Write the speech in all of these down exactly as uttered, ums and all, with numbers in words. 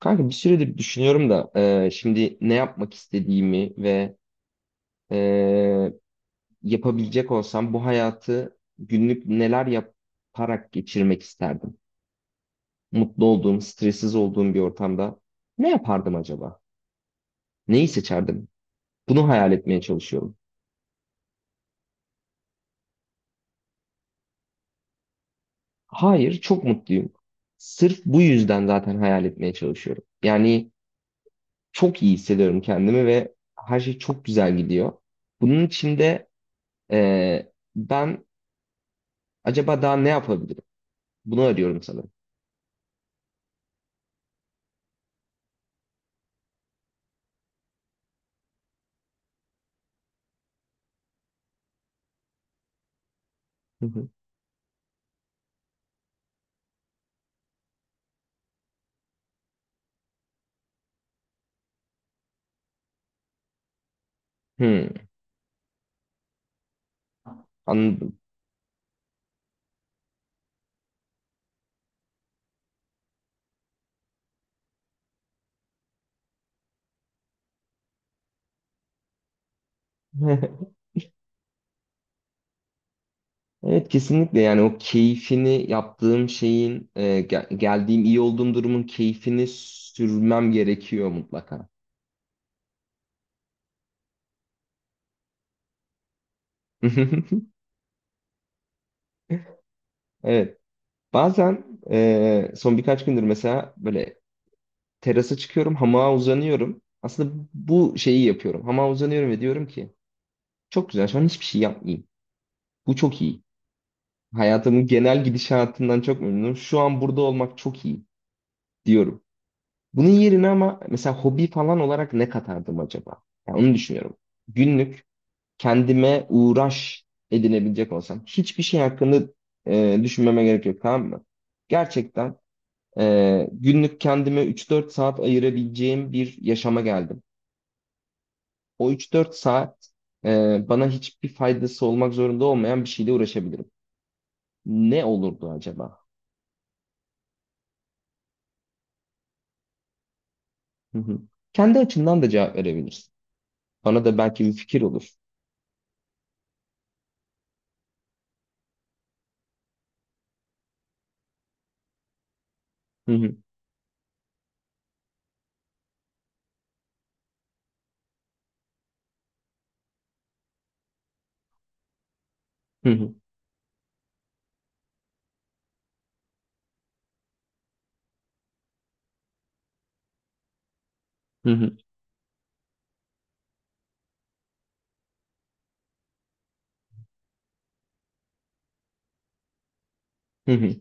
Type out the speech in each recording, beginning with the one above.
Kanka bir süredir düşünüyorum da e, şimdi ne yapmak istediğimi ve e, yapabilecek olsam bu hayatı günlük neler yaparak geçirmek isterdim. Mutlu olduğum, stressiz olduğum bir ortamda ne yapardım acaba? Neyi seçerdim? Bunu hayal etmeye çalışıyorum. Hayır, çok mutluyum. Sırf bu yüzden zaten hayal etmeye çalışıyorum. Yani çok iyi hissediyorum kendimi ve her şey çok güzel gidiyor. Bunun için de e, ben acaba daha ne yapabilirim? Bunu arıyorum sanırım. Hı hı. Hmm, anladım. Evet kesinlikle, yani o keyfini yaptığım şeyin, e, gel- geldiğim iyi olduğum durumun keyfini sürmem gerekiyor mutlaka. Evet, bazen, e, son birkaç gündür mesela böyle terasa çıkıyorum, hamağa uzanıyorum. Aslında bu şeyi yapıyorum, hamağa uzanıyorum ve diyorum ki çok güzel şu an, hiçbir şey yapmayayım. Bu çok iyi. Hayatımın genel gidişatından çok memnunum. Şu an burada olmak çok iyi diyorum. Bunun yerine ama mesela hobi falan olarak ne katardım acaba? Yani onu düşünüyorum. Günlük kendime uğraş edinebilecek olsam. Hiçbir şey hakkında e, düşünmeme gerek yok, tamam mı? Gerçekten e, günlük kendime üç dört saat ayırabileceğim bir yaşama geldim. O üç dört saat, e, bana hiçbir faydası olmak zorunda olmayan bir şeyle uğraşabilirim. Ne olurdu acaba? Hı hı. Kendi açımdan da cevap verebilirsin. Bana da belki bir fikir olur. Hı hı. Hı hı. Hı hı. Hı hı.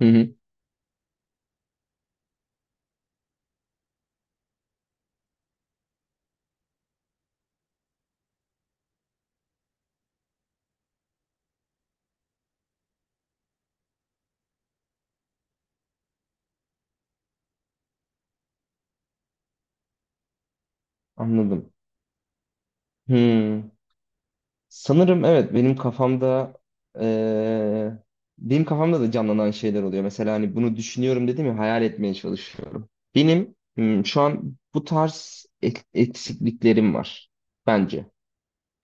Hı hı, anladım. Hmm. Sanırım evet, benim kafamda eee, benim kafamda da canlanan şeyler oluyor. Mesela hani bunu düşünüyorum dedim ya, hayal etmeye çalışıyorum. Benim hmm, şu an bu tarz ek- eksikliklerim var bence.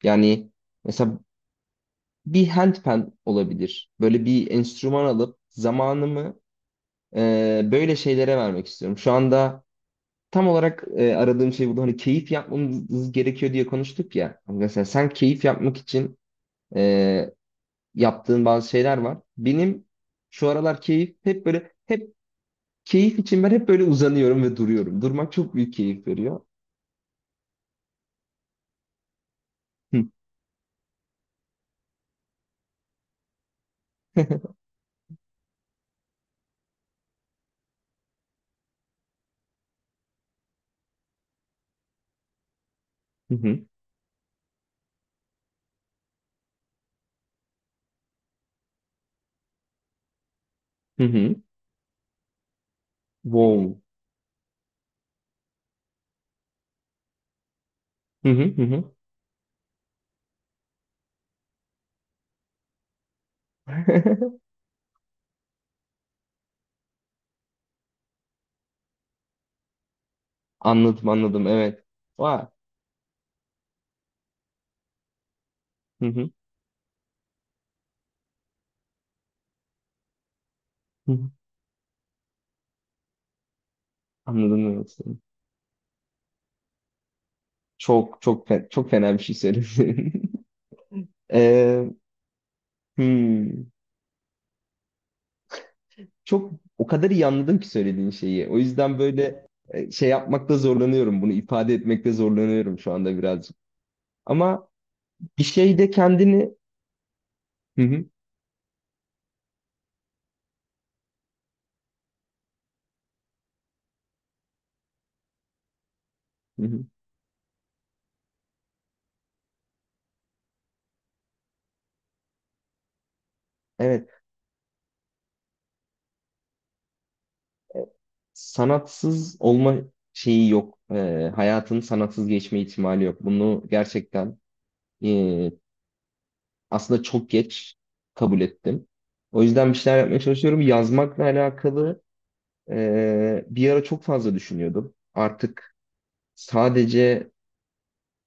Yani mesela bir handpan olabilir. Böyle bir enstrüman alıp zamanımı eee, böyle şeylere vermek istiyorum. Şu anda tam olarak e, aradığım şey bu. Hani keyif yapmamız gerekiyor diye konuştuk ya. Hani mesela sen keyif yapmak için e, yaptığın bazı şeyler var. Benim şu aralar keyif hep böyle, hep keyif için ben hep böyle uzanıyorum ve duruyorum. Durmak çok büyük keyif veriyor. Hı hı hı hı. Hı. Wow. Hı hı hı. Hı. Anladım, anladım, evet. Vay. Hı hı hı. Hı. Anladım, evet. Çok çok fe- çok fena bir şey söyledin. Ee, hmm. Çok, o kadar iyi anladım ki söylediğin şeyi. O yüzden böyle e, şey yapmakta zorlanıyorum. Bunu ifade etmekte zorlanıyorum şu anda birazcık. Ama bir şeyde kendini. Hı hı, hı hı. Evet, sanatsız olma şeyi yok. E, hayatın sanatsız geçme ihtimali yok. Bunu gerçekten, e, aslında çok geç kabul ettim. O yüzden bir şeyler yapmaya çalışıyorum. Yazmakla alakalı e, bir ara çok fazla düşünüyordum. Artık sadece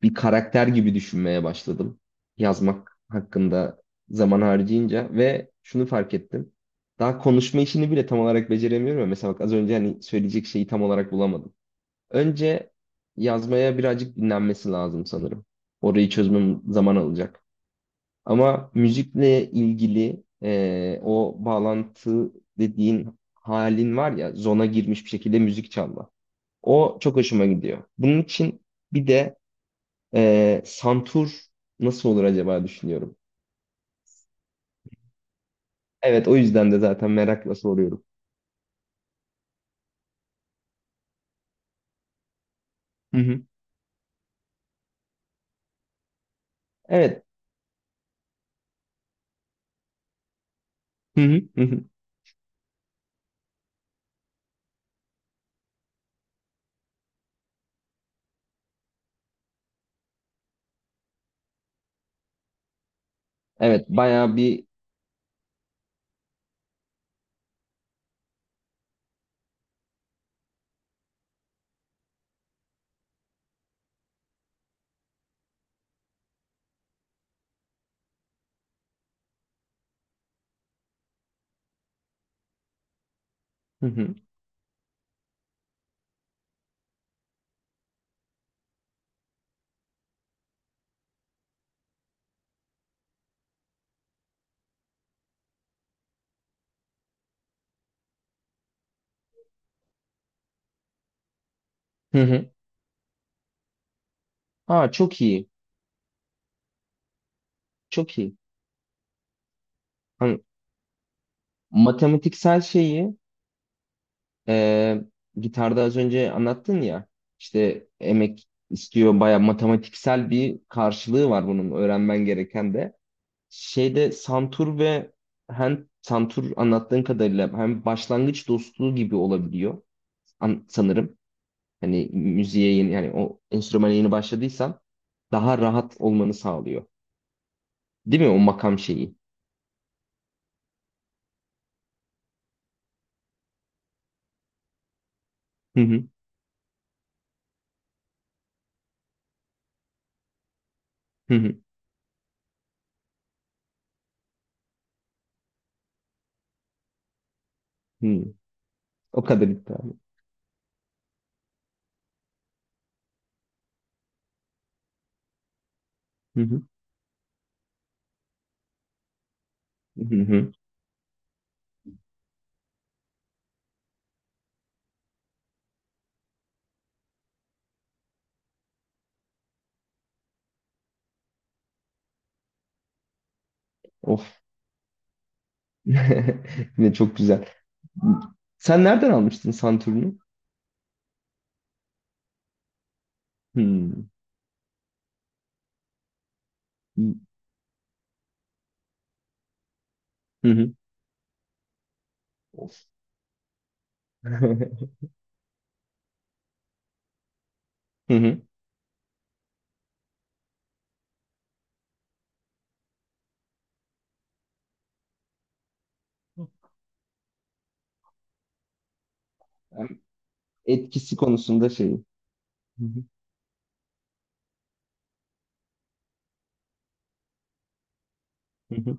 bir karakter gibi düşünmeye başladım. Yazmak hakkında zaman harcayınca ve şunu fark ettim. Daha konuşma işini bile tam olarak beceremiyorum ya. Mesela bak az önce hani söyleyecek şeyi tam olarak bulamadım. Önce yazmaya birazcık dinlenmesi lazım sanırım. Orayı çözmem zaman alacak. Ama müzikle ilgili eee, o bağlantı dediğin halin var ya, zona girmiş bir şekilde müzik çalma. O çok hoşuma gidiyor. Bunun için bir de ee, santur nasıl olur acaba düşünüyorum. Evet, o yüzden de zaten merakla soruyorum. Hı hı. Evet. Hı hı. Hı hı. Evet, bayağı bir. Hı hı. Hı hı. Aa, çok iyi. Çok iyi. Hani matematiksel şeyi, e, gitarda az önce anlattın ya, işte emek istiyor, bayağı matematiksel bir karşılığı var bunun öğrenmen gereken de. Şeyde santur ve hem santur, anlattığın kadarıyla hem başlangıç dostluğu gibi olabiliyor, an- sanırım. Hani müziğe yeni, yani o enstrümana yeni başladıysan daha rahat olmanı sağlıyor. Değil mi o makam şeyi? Hı hı hı hı. Hı. O kadar iddialı. Hı hı hı hı. Of. Yine çok güzel. Sen nereden almıştın santurunu? Hı hı hı. Of. Hı hı. Etkisi konusunda şey. Hı hı. Hı hı.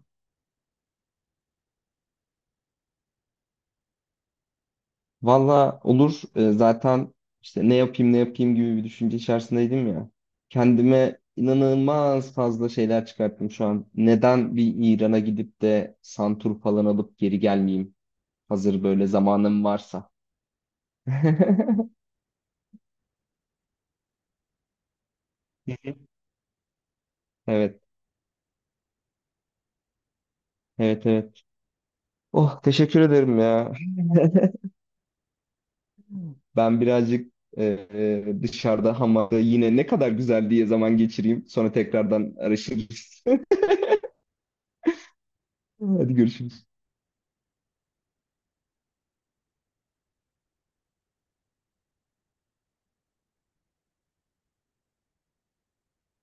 Valla olur. Ee, zaten işte ne yapayım ne yapayım gibi bir düşünce içerisindeydim ya. Kendime inanılmaz fazla şeyler çıkarttım şu an. Neden bir İran'a gidip de santur falan alıp geri gelmeyeyim? Hazır böyle zamanım varsa. Evet, evet, evet. Oh, teşekkür ederim ya. Ben birazcık e, e, dışarıda hamamda yine ne kadar güzel diye zaman geçireyim. Sonra tekrardan arayışa gireriz. Hadi görüşürüz.